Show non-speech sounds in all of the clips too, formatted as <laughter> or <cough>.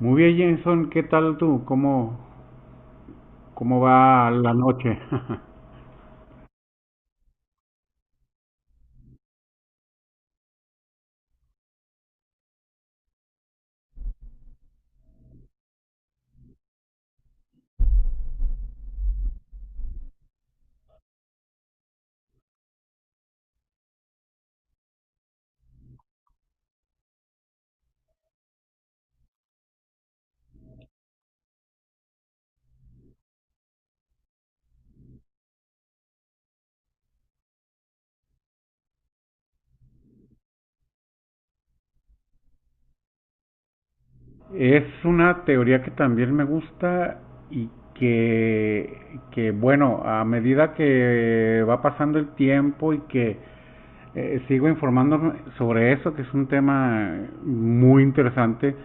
Muy bien, Jenson, ¿qué tal tú? ¿Cómo va la noche? <laughs> Es una teoría que también me gusta y que, que bueno, a medida que va pasando el tiempo y que sigo informándome sobre eso, que es un tema muy interesante,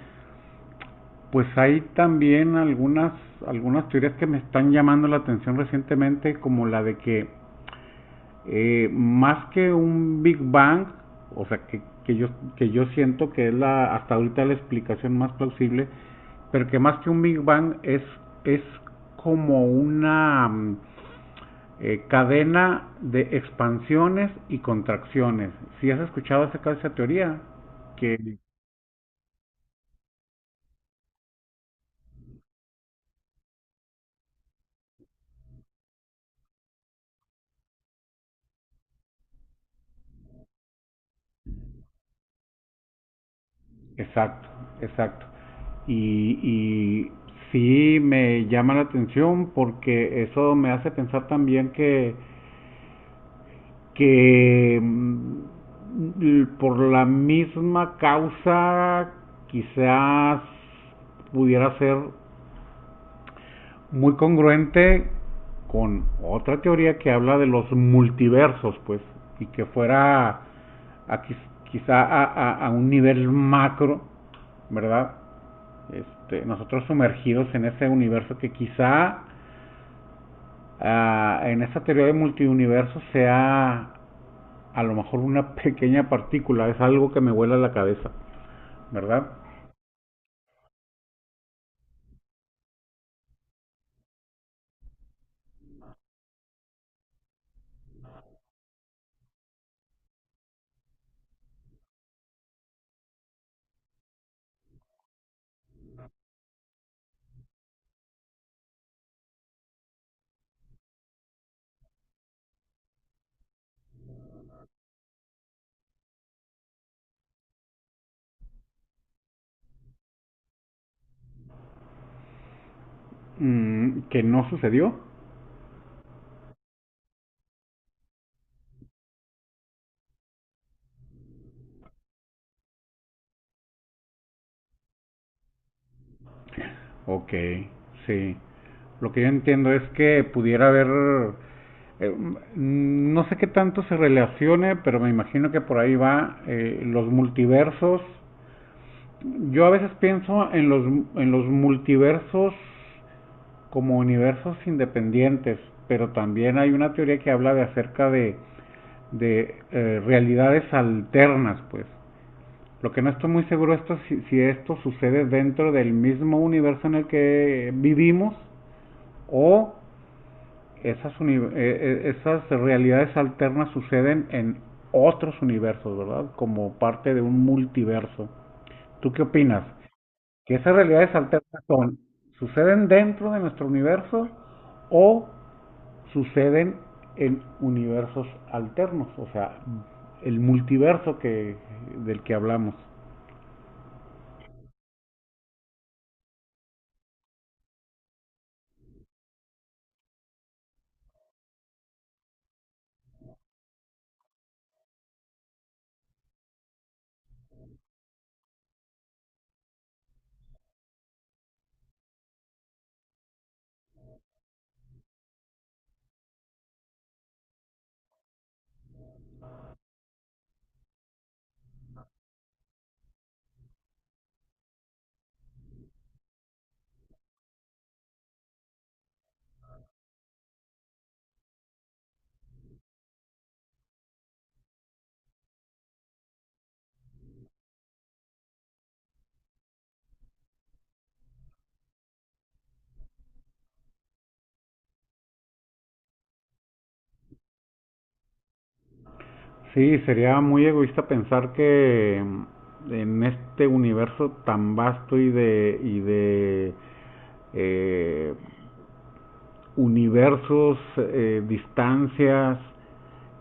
pues hay también algunas teorías que me están llamando la atención recientemente, como la de que más que un Big Bang, o sea, que yo siento que es hasta ahorita la explicación más plausible, pero que más que un Big Bang es como una cadena de expansiones y contracciones. Si has escuchado acerca de esa teoría, que exacto, exacto. Y sí me llama la atención porque eso me hace pensar también que por la misma causa quizás pudiera ser muy congruente con otra teoría que habla de los multiversos, pues, y que fuera a quizá a un nivel macro, ¿verdad? Este, nosotros sumergidos en ese universo que quizá en esa teoría de multiuniverso sea a lo mejor una pequeña partícula, es algo que me vuela la cabeza, ¿verdad? Mm, que no sucedió. Ok, sí. Lo que yo entiendo es que pudiera haber, no sé qué tanto se relacione, pero me imagino que por ahí va los multiversos. Yo a veces pienso en los multiversos como universos independientes, pero también hay una teoría que habla de acerca de realidades alternas, pues. Lo que no estoy muy seguro esto si esto sucede dentro del mismo universo en el que vivimos o esas realidades alternas suceden en otros universos, ¿verdad? Como parte de un multiverso. ¿Tú qué opinas? ¿Que esas realidades alternas suceden dentro de nuestro universo o suceden en universos alternos, o sea, el multiverso que del que hablamos? Sí, sería muy egoísta pensar que en este universo tan vasto y de eh, universos, distancias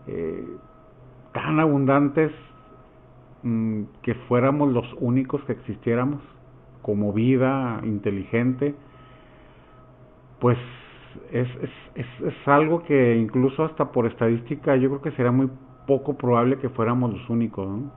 eh, tan abundantes, que fuéramos los únicos que existiéramos como vida inteligente. Pues es algo que incluso hasta por estadística yo creo que será muy poco probable que fuéramos los únicos, ¿no?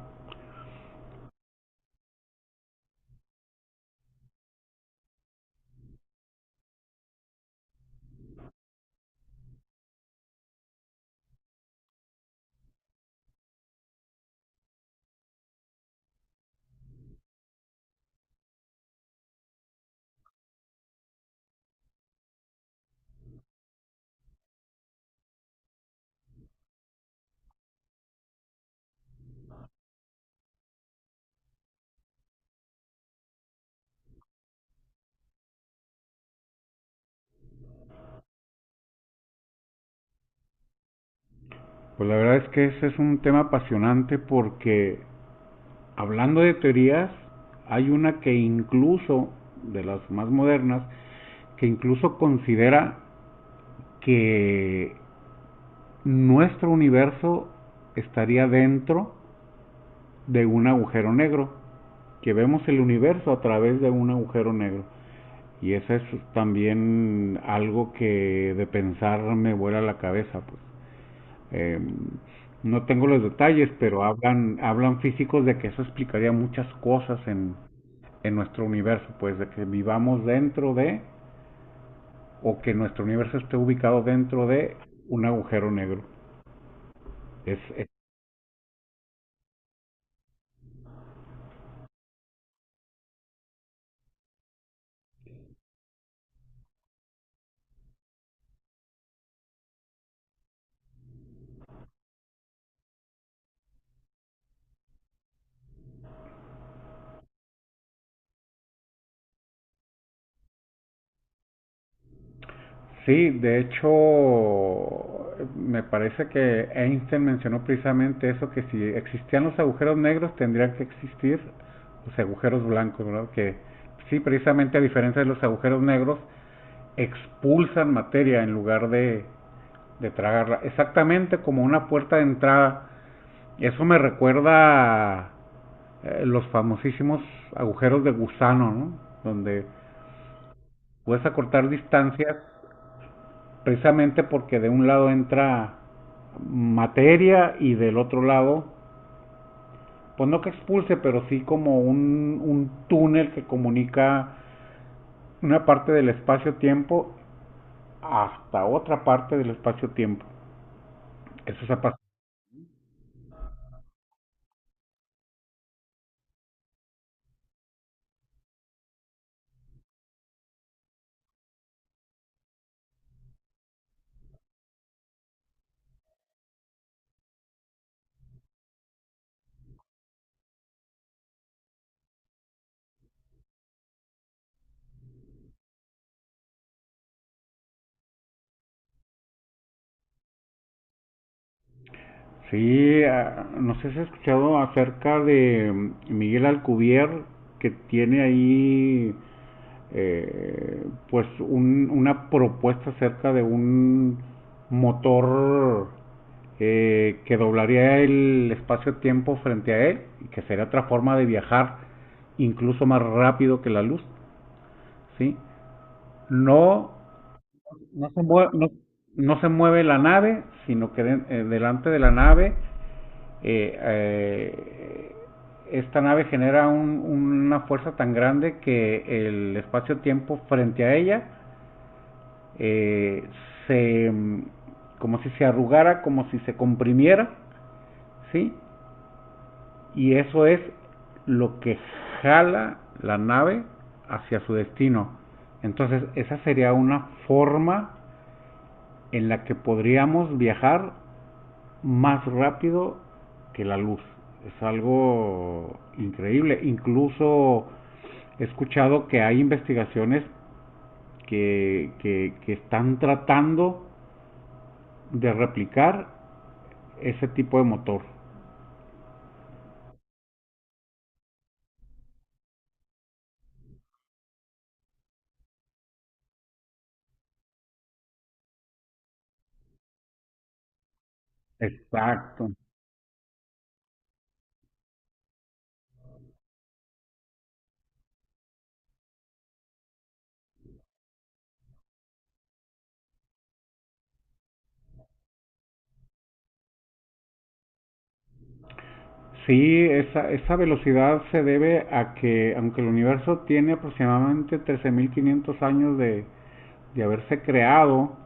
Pues la verdad es que ese es un tema apasionante porque hablando de teorías, hay una que incluso, de las más modernas, que incluso considera que nuestro universo estaría dentro de un agujero negro, que vemos el universo a través de un agujero negro. Y eso es también algo que de pensar me vuela la cabeza, pues. Eh, no tengo los detalles, pero hablan físicos de que eso explicaría muchas cosas en nuestro universo, pues de que vivamos dentro de, o que nuestro universo esté ubicado dentro de un agujero negro. Es Sí, de hecho, me parece que Einstein mencionó precisamente eso, que si existían los agujeros negros, tendrían que existir los agujeros blancos, ¿verdad? Que sí, precisamente a diferencia de los agujeros negros, expulsan materia en lugar de tragarla. Exactamente como una puerta de entrada. Eso me recuerda a los famosísimos agujeros de gusano, ¿no? Donde puedes acortar distancias precisamente porque de un lado entra materia y del otro lado, pues no que expulse, pero sí como un túnel que comunica una parte del espacio-tiempo hasta otra parte del espacio-tiempo. Eso es apasionante. Sí, ah, no sé si has escuchado acerca de Miguel Alcubierre, que tiene ahí eh, pues una propuesta acerca de un motor que doblaría el espacio-tiempo frente a él y que sería otra forma de viajar incluso más rápido que la luz, ¿sí? No, no se mueve, no, no se mueve la nave, sino que delante de la nave, eh, eh, esta nave genera una fuerza tan grande que el espacio-tiempo frente a ella eh, se como si se arrugara, como si se comprimiera, ¿sí? Y eso es lo que jala la nave hacia su destino. Entonces, esa sería una forma en la que podríamos viajar más rápido que la luz. Es algo increíble. Incluso he escuchado que hay investigaciones que están tratando de replicar ese tipo de motor. Exacto. Sí, esa velocidad se debe a que, aunque el universo tiene aproximadamente 13.500 años de haberse creado,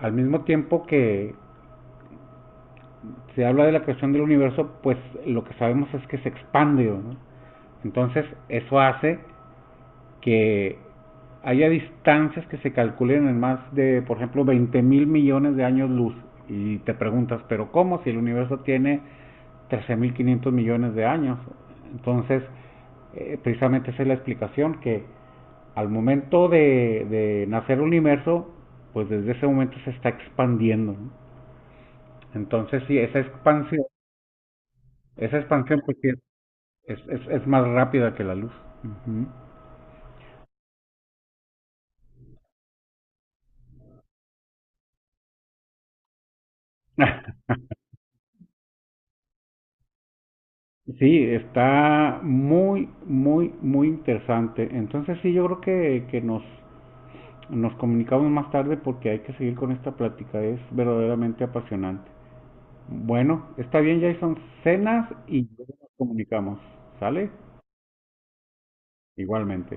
al mismo tiempo que, se habla de la creación del universo, pues lo que sabemos es que se expande, ¿no? Entonces, eso hace que haya distancias que se calculen en más de, por ejemplo, 20.000 millones de años luz. Y te preguntas, ¿pero cómo? Si el universo tiene 13.500 millones de años. Entonces, precisamente esa es la explicación, que al momento de nacer el universo, pues desde ese momento se está expandiendo, ¿no? Entonces, si esa expansión esa expansión pues, sí es más rápida que la luz. Ujú. <laughs> Sí, está muy, muy, muy interesante. Entonces sí, yo creo que nos, nos comunicamos más tarde porque hay que seguir con esta plática. Es verdaderamente apasionante. Bueno, está bien, Jason. Cenas y luego nos comunicamos. ¿Sale? Igualmente.